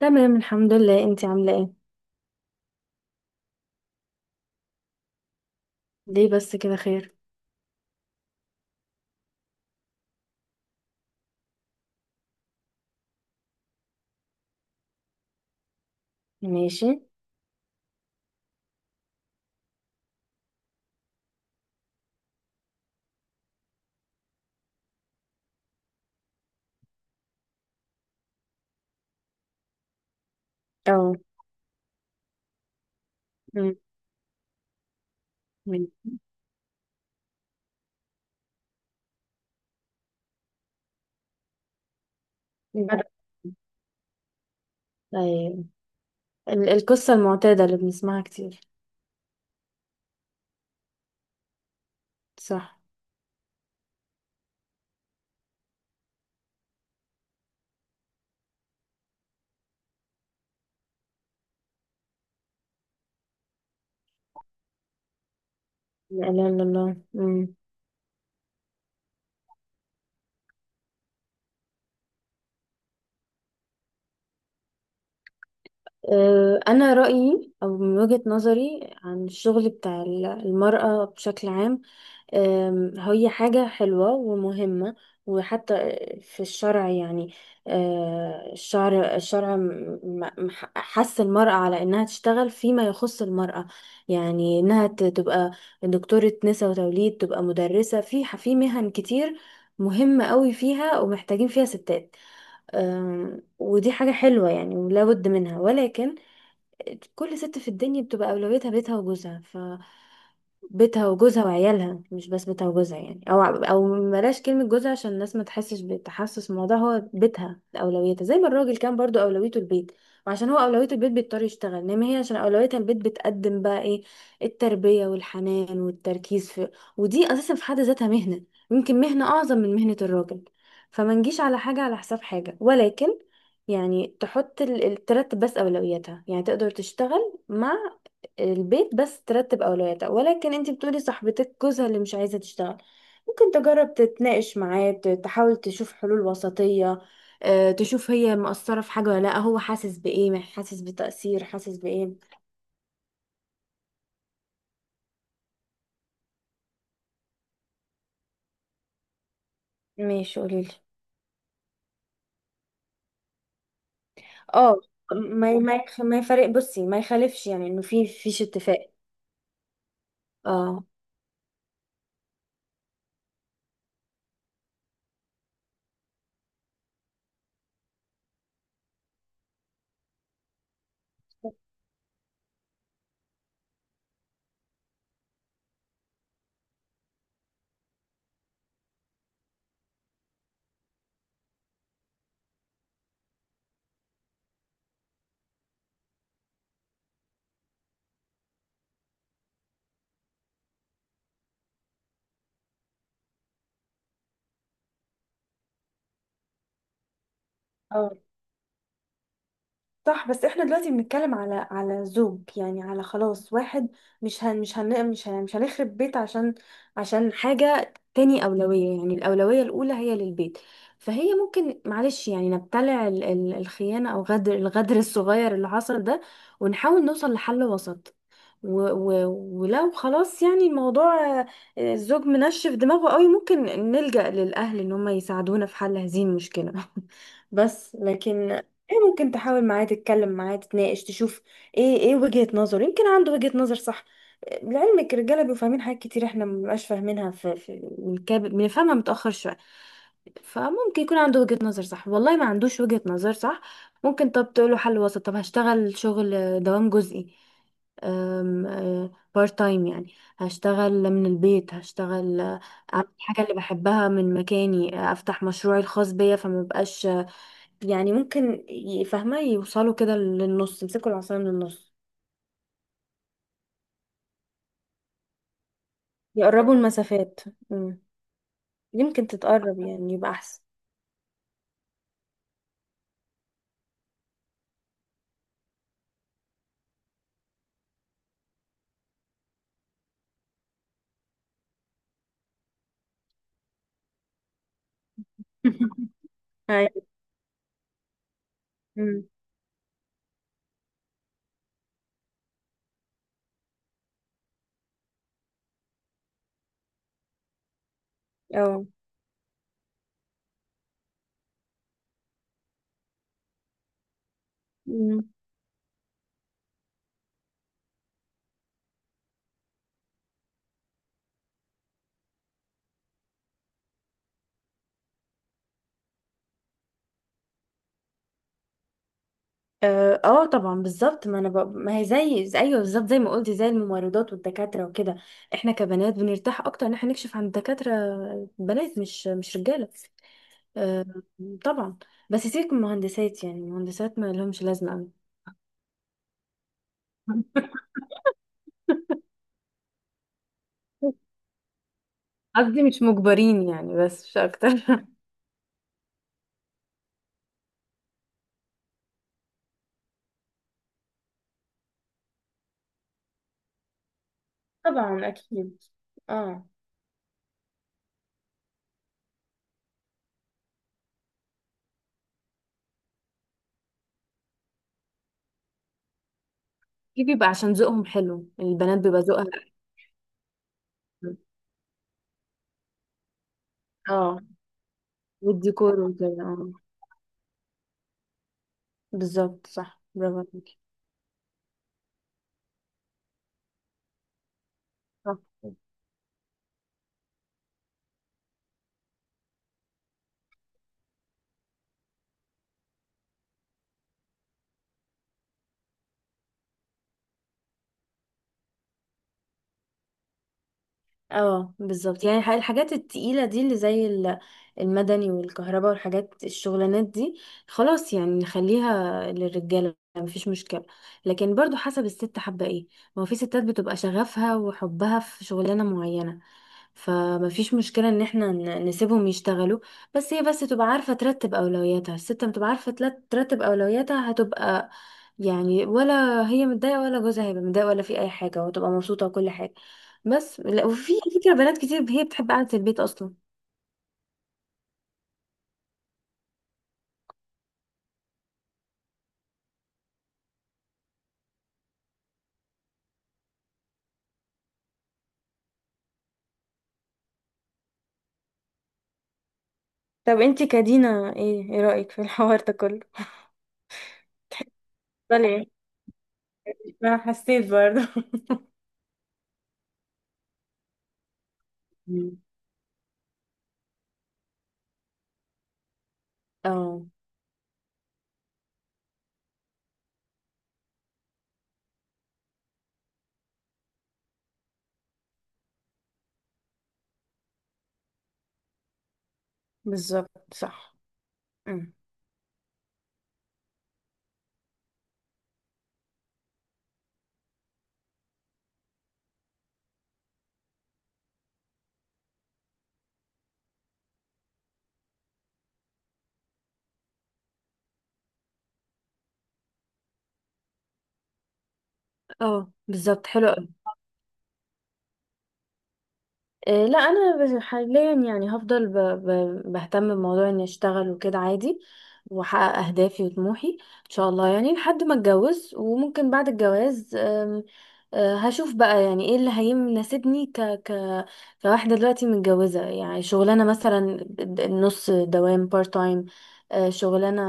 تمام، الحمد لله. انتي عاملة ايه؟ ليه بس كده؟ خير. ماشي. او. مم. مم. مم. ايوه. القصة المعتادة اللي بنسمعها كتير. صح. لا اله الا الله. مم. اه، انا رأيي، او من وجهة نظري عن الشغل بتاع المرأة بشكل عام. هي حاجة حلوة ومهمة، وحتى في الشرع، يعني الشرع، الشرع حث المرأة على إنها تشتغل فيما يخص المرأة، يعني إنها تبقى دكتورة نساء وتوليد، تبقى مدرسة، في مهن كتير مهمة قوي فيها ومحتاجين فيها ستات. ودي حاجة حلوة يعني ولا بد منها، ولكن كل ست في الدنيا بتبقى أولويتها بيتها وجوزها، بيتها وجوزها وعيالها، مش بس بيتها وجوزها يعني، او بلاش كلمة جوزها عشان الناس ما تحسش بتحسس، الموضوع هو بيتها اولويتها، زي ما الراجل كان برضو اولويته البيت، وعشان هو اولويته البيت بيضطر يشتغل، انما هي عشان اولويتها البيت بتقدم بقى ايه؟ التربية والحنان والتركيز في. ودي اساسا في حد ذاتها مهنة، يمكن مهنة اعظم من مهنة الراجل. فما نجيش على حاجة على حساب حاجة، ولكن يعني تحط ترتب بس اولوياتها، يعني تقدر تشتغل مع البيت، بس ترتب اولوياتها. ولكن انت بتقولي صاحبتك جوزها اللي مش عايزه تشتغل، ممكن تجرب تتناقش معاه، تحاول تشوف حلول وسطيه. تشوف هي مقصره في حاجه ولا لا، هو حاسس بايه، حاسس بتأثير، حاسس بايه. ماشي، قوليلي. اه، ما يفرق، بصي، ما يخالفش يعني انه في فيش اتفاق. اه، اه، صح. بس احنا دلوقتي بنتكلم على زوج، يعني على خلاص واحد. مش هنخرب بيت عشان حاجة تاني أولوية، يعني الأولوية الأولى هي للبيت. فهي ممكن معلش يعني نبتلع الخيانة أو غدر الغدر الصغير اللي حصل ده، ونحاول نوصل لحل وسط. و و ولو خلاص يعني الموضوع، الزوج منشف دماغه قوي، ممكن نلجأ للأهل إن هم يساعدونا في حل هذه المشكلة. بس لكن ايه، ممكن تحاول معاه، تتكلم معاه، تتناقش، تشوف ايه وجهة نظره. يمكن عنده وجهة نظر صح. لعلمك، الرجالة بيبقوا فاهمين حاجات كتير احنا مبنبقاش فاهمينها، بنفهمها متأخر شوية. فممكن يكون عنده وجهة نظر صح، والله ما عندوش وجهة نظر صح. ممكن طب تقوله حل وسط، طب هشتغل شغل دوام جزئي، بارت تايم، يعني هشتغل من البيت، هشتغل، اعمل الحاجة اللي بحبها من مكاني، افتح مشروعي الخاص بيا، فما بقاش يعني، ممكن فاهمة، يوصلوا كده للنص، يمسكوا العصاية من النص، يقربوا المسافات. مم. يمكن تتقرب يعني يبقى احسن. أيوة. مم. اه. مم. اه، طبعا، بالظبط، ما انا ب... ما هي ايوه، بالظبط زي ما قلتي، زي الممرضات والدكاتره وكده. احنا كبنات بنرتاح اكتر ان احنا نكشف عن الدكاتره بنات، مش رجاله. آه طبعا. بس سيبك من المهندسات، يعني المهندسات ما لهمش لازمه قوي. قصدي مش مجبرين يعني، بس مش اكتر. طبعا، أكيد. اه، دي بيبقى عشان ذوقهم حلو، البنات بيبقى ذوقها حلو. اه، والديكور وكده. اه، بالظبط، صح، برافو عليكي. صح. اه، بالظبط، يعني الحاجات التقيلة دي اللي زي المدني والكهرباء والحاجات الشغلانات دي، خلاص يعني نخليها للرجالة مفيش مشكلة. لكن برضو حسب الست حابة ايه. ما هو في ستات بتبقى شغفها وحبها في شغلانة معينة، فمفيش مشكلة ان احنا نسيبهم يشتغلوا. بس هي بس تبقى عارفة ترتب اولوياتها، الست لما تبقى عارفة ترتب اولوياتها هتبقى، يعني، ولا هي متضايقة ولا جوزها هيبقى متضايق ولا في اي حاجة، وتبقى مبسوطة وكل حاجة. بس لا، وفي على فكرة بنات كتير هي بتحب قعدة البيت اصلا. طب انتي كدينا، ايه رأيك في الحوار ده كله؟ بل ايه؟ ما حسيت برضه؟ مم. اه، بالظبط، صح. مم. اه، بالظبط، حلو. إيه، لا، انا حاليا يعني هفضل بهتم بموضوع اني اشتغل وكده عادي، واحقق اهدافي وطموحي ان شاء الله، يعني لحد ما اتجوز، وممكن بعد الجواز هشوف بقى يعني ايه اللي هيناسبني كواحدة دلوقتي متجوزة، يعني شغلانة مثلا، نص دوام، بارت تايم، شغلانة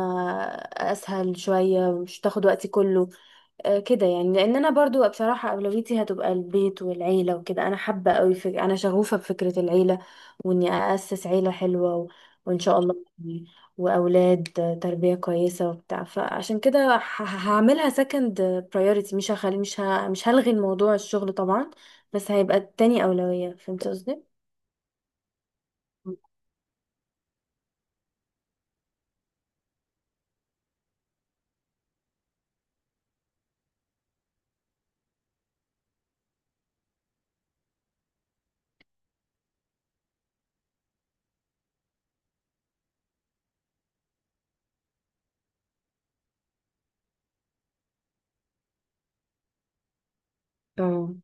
اسهل شوية مش تاخد وقتي كله. كده يعني، لان انا برضو بصراحه اولويتي هتبقى البيت والعيله وكده، انا حابه قوي انا شغوفه بفكره العيله، واني اسس عيله حلوه وان شاء الله يعني، واولاد تربيه كويسه وبتاع. فعشان كده هعملها سكند برايورتي، مش هخلي مش ه... مش هلغي الموضوع الشغل طبعا، بس هيبقى تاني اولويه. فهمت قصدي؟ اه،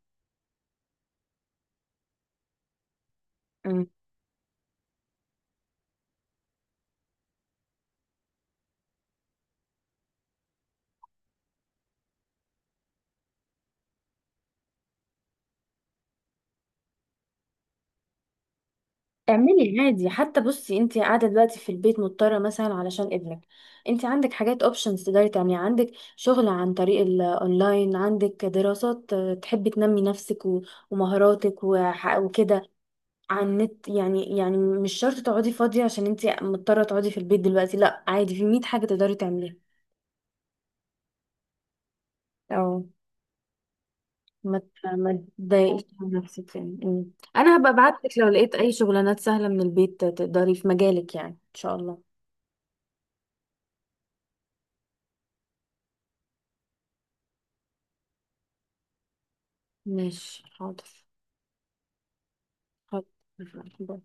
اعملي عادي. حتى بصي، انت قاعده دلوقتي في البيت مضطره مثلا علشان ابنك، انت عندك حاجات، اوبشنز تقدري تعمليها، عندك شغل عن طريق الاونلاين، عندك دراسات، تحبي تنمي نفسك ومهاراتك وكده، على النت يعني مش شرط تقعدي فاضيه عشان انت مضطره تقعدي في البيت دلوقتي. لا، عادي، في 100 حاجه تقدري تعمليها. أو، ما ت- ما تضايقيش من نفسك يعني انا هبقى ابعت لك لو لقيت اي شغلانات سهله من البيت تقدري في مجالك، يعني ان شاء الله. ماشي، حاضر. خلاص. باي.